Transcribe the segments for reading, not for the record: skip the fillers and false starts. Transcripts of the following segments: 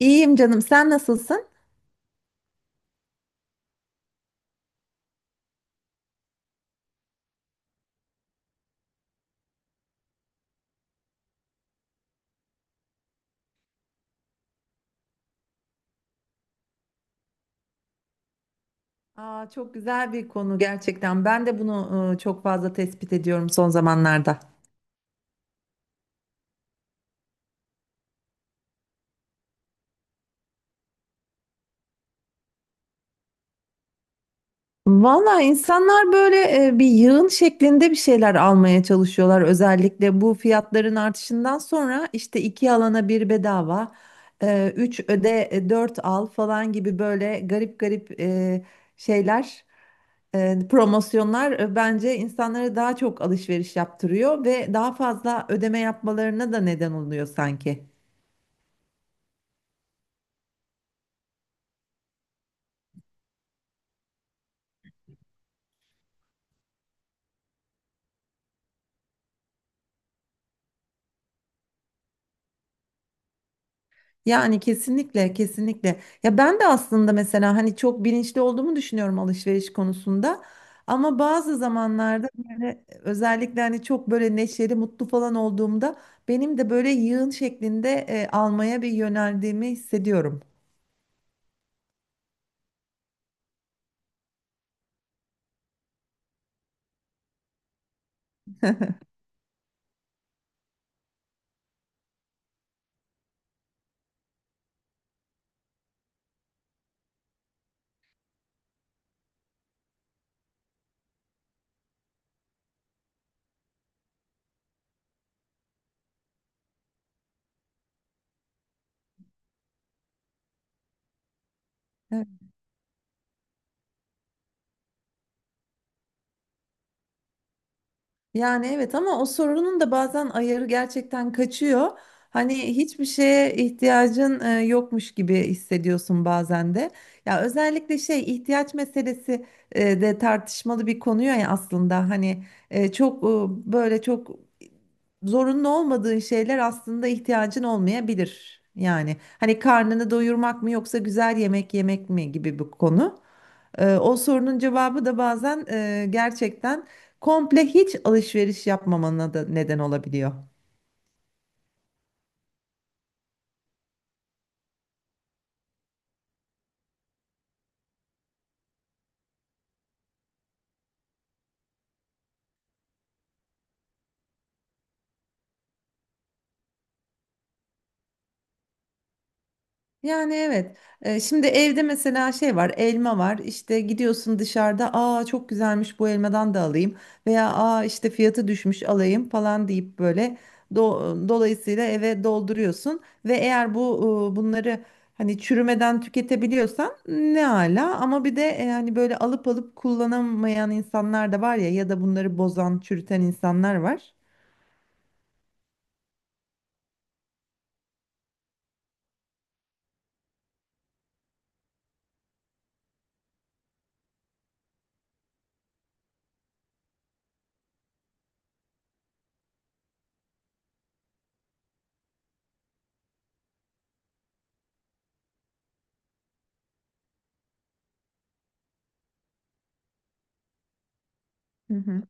İyiyim canım, sen nasılsın? Aa, çok güzel bir konu gerçekten. Ben de bunu çok fazla tespit ediyorum son zamanlarda. Valla insanlar böyle bir yığın şeklinde bir şeyler almaya çalışıyorlar. Özellikle bu fiyatların artışından sonra işte iki alana bir bedava, üç öde, dört al falan gibi böyle garip garip şeyler, promosyonlar, bence insanları daha çok alışveriş yaptırıyor ve daha fazla ödeme yapmalarına da neden oluyor sanki. Yani kesinlikle kesinlikle. Ya ben de aslında mesela hani çok bilinçli olduğumu düşünüyorum alışveriş konusunda. Ama bazı zamanlarda böyle özellikle hani çok böyle neşeli, mutlu falan olduğumda benim de böyle yığın şeklinde almaya bir yöneldiğimi hissediyorum. Yani evet ama o sorunun da bazen ayarı gerçekten kaçıyor. Hani hiçbir şeye ihtiyacın yokmuş gibi hissediyorsun bazen de. Ya özellikle şey ihtiyaç meselesi de tartışmalı bir konu ya aslında. Hani çok böyle çok zorunlu olmadığın şeyler aslında ihtiyacın olmayabilir. Yani hani karnını doyurmak mı yoksa güzel yemek yemek mi gibi bir konu. O sorunun cevabı da bazen gerçekten komple hiç alışveriş yapmamana da neden olabiliyor. Yani evet. Şimdi evde mesela şey var, elma var. İşte gidiyorsun dışarıda, aa çok güzelmiş bu elmadan da alayım veya aa işte fiyatı düşmüş alayım falan deyip böyle dolayısıyla eve dolduruyorsun ve eğer bu bunları hani çürümeden tüketebiliyorsan ne ala ama bir de yani böyle alıp alıp kullanamayan insanlar da var ya ya da bunları bozan, çürüten insanlar var. Hı hı.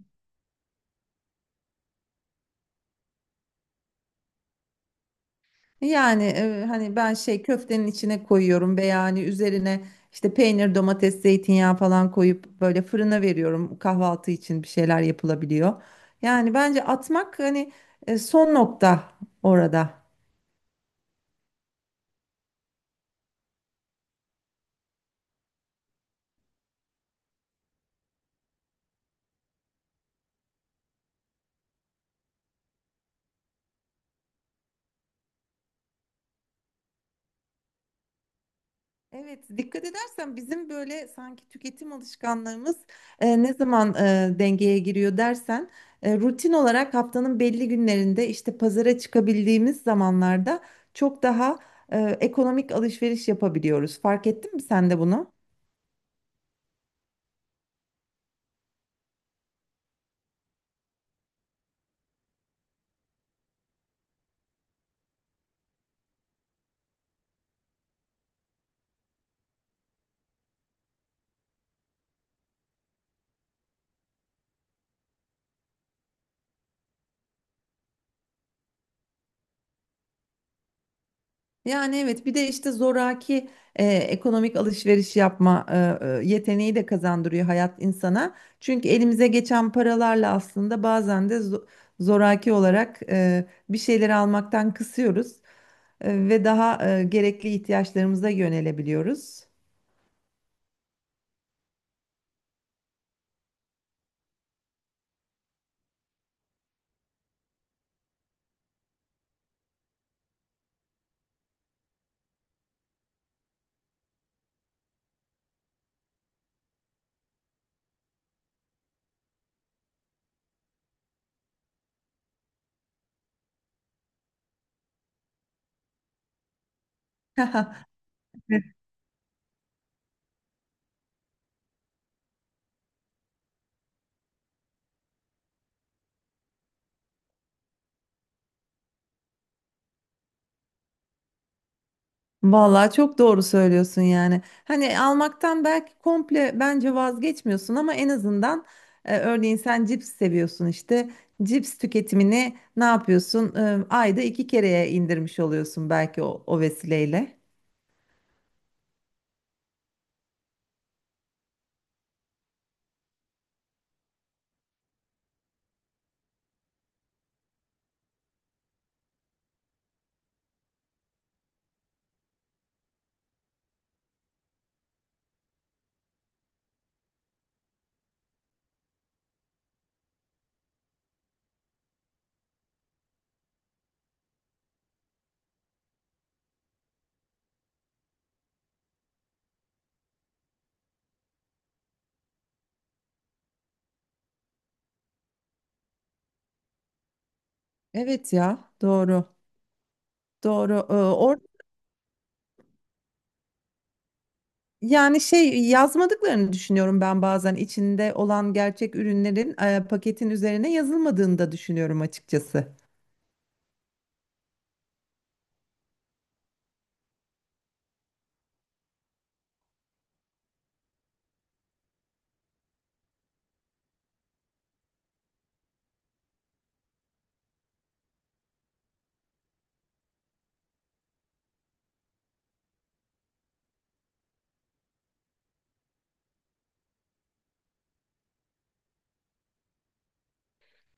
Yani hani ben şey köftenin içine koyuyorum veya hani üzerine işte peynir, domates, zeytinyağı falan koyup böyle fırına veriyorum. Kahvaltı için bir şeyler yapılabiliyor. Yani bence atmak hani son nokta orada. Evet, dikkat edersen bizim böyle sanki tüketim alışkanlığımız ne zaman dengeye giriyor dersen rutin olarak haftanın belli günlerinde işte pazara çıkabildiğimiz zamanlarda çok daha ekonomik alışveriş yapabiliyoruz. Fark ettin mi sen de bunu? Yani evet bir de işte zoraki ekonomik alışveriş yapma yeteneği de kazandırıyor hayat insana. Çünkü elimize geçen paralarla aslında bazen de zoraki olarak bir şeyleri almaktan kısıyoruz ve daha gerekli ihtiyaçlarımıza yönelebiliyoruz. Vallahi çok doğru söylüyorsun yani. Hani almaktan belki komple bence vazgeçmiyorsun ama en azından örneğin sen cips seviyorsun işte. Cips tüketimini ne yapıyorsun? E, ayda iki kereye indirmiş oluyorsun belki o, o vesileyle. Evet ya doğru. Doğru. E, Yani şey yazmadıklarını düşünüyorum ben bazen içinde olan gerçek ürünlerin paketin üzerine yazılmadığını da düşünüyorum açıkçası.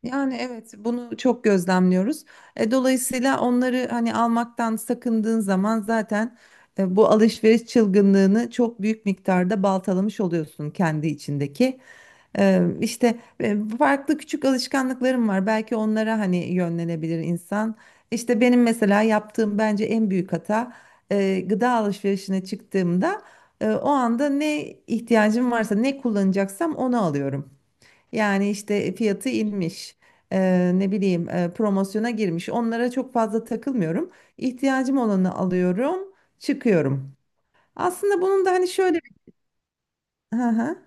Yani evet bunu çok gözlemliyoruz. Dolayısıyla onları hani almaktan sakındığın zaman zaten bu alışveriş çılgınlığını çok büyük miktarda baltalamış oluyorsun kendi içindeki. İşte farklı küçük alışkanlıklarım var. Belki onlara hani yönlenebilir insan. İşte benim mesela yaptığım bence en büyük hata gıda alışverişine çıktığımda o anda ne ihtiyacım varsa ne kullanacaksam onu alıyorum. Yani işte fiyatı inmiş. Ne bileyim promosyona girmiş. Onlara çok fazla takılmıyorum. İhtiyacım olanı alıyorum, çıkıyorum. Aslında bunun da hani şöyle. Hı hı.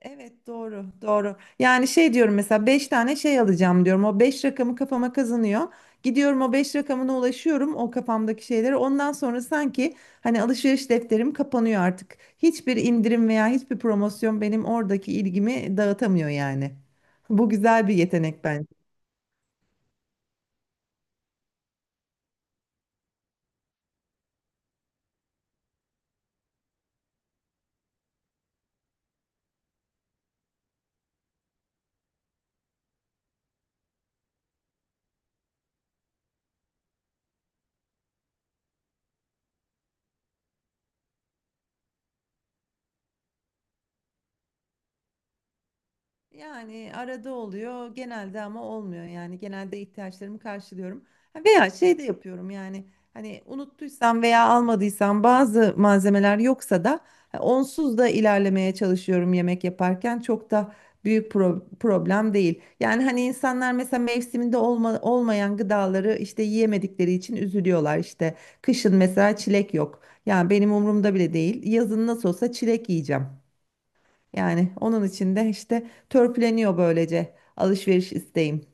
Evet, doğru doğru. Yani şey diyorum mesela 5 tane şey alacağım diyorum. O 5 rakamı kafama kazanıyor. Gidiyorum o 5 rakamına ulaşıyorum o kafamdaki şeylere. Ondan sonra sanki hani alışveriş defterim kapanıyor artık. Hiçbir indirim veya hiçbir promosyon benim oradaki ilgimi dağıtamıyor yani. Bu güzel bir yetenek. Yani arada oluyor genelde ama olmuyor yani genelde ihtiyaçlarımı karşılıyorum. Ha, veya şey de yapıyorum yani hani unuttuysam veya almadıysam bazı malzemeler yoksa da ha, onsuz da ilerlemeye çalışıyorum yemek yaparken çok da büyük problem değil. Yani hani insanlar mesela mevsiminde olmayan gıdaları işte yiyemedikleri için üzülüyorlar işte kışın mesela çilek yok yani benim umurumda bile değil yazın nasıl olsa çilek yiyeceğim. Yani onun için de işte törpüleniyor böylece alışveriş isteğim.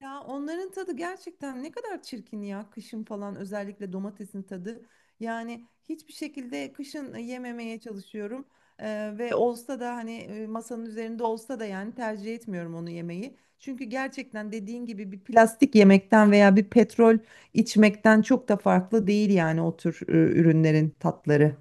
Ya onların tadı gerçekten ne kadar çirkin ya kışın falan özellikle domatesin tadı. Yani hiçbir şekilde kışın yememeye çalışıyorum. Ve olsa da hani masanın üzerinde olsa da yani tercih etmiyorum onu yemeyi. Çünkü gerçekten dediğin gibi bir plastik yemekten veya bir petrol içmekten çok da farklı değil yani o tür ürünlerin tatları.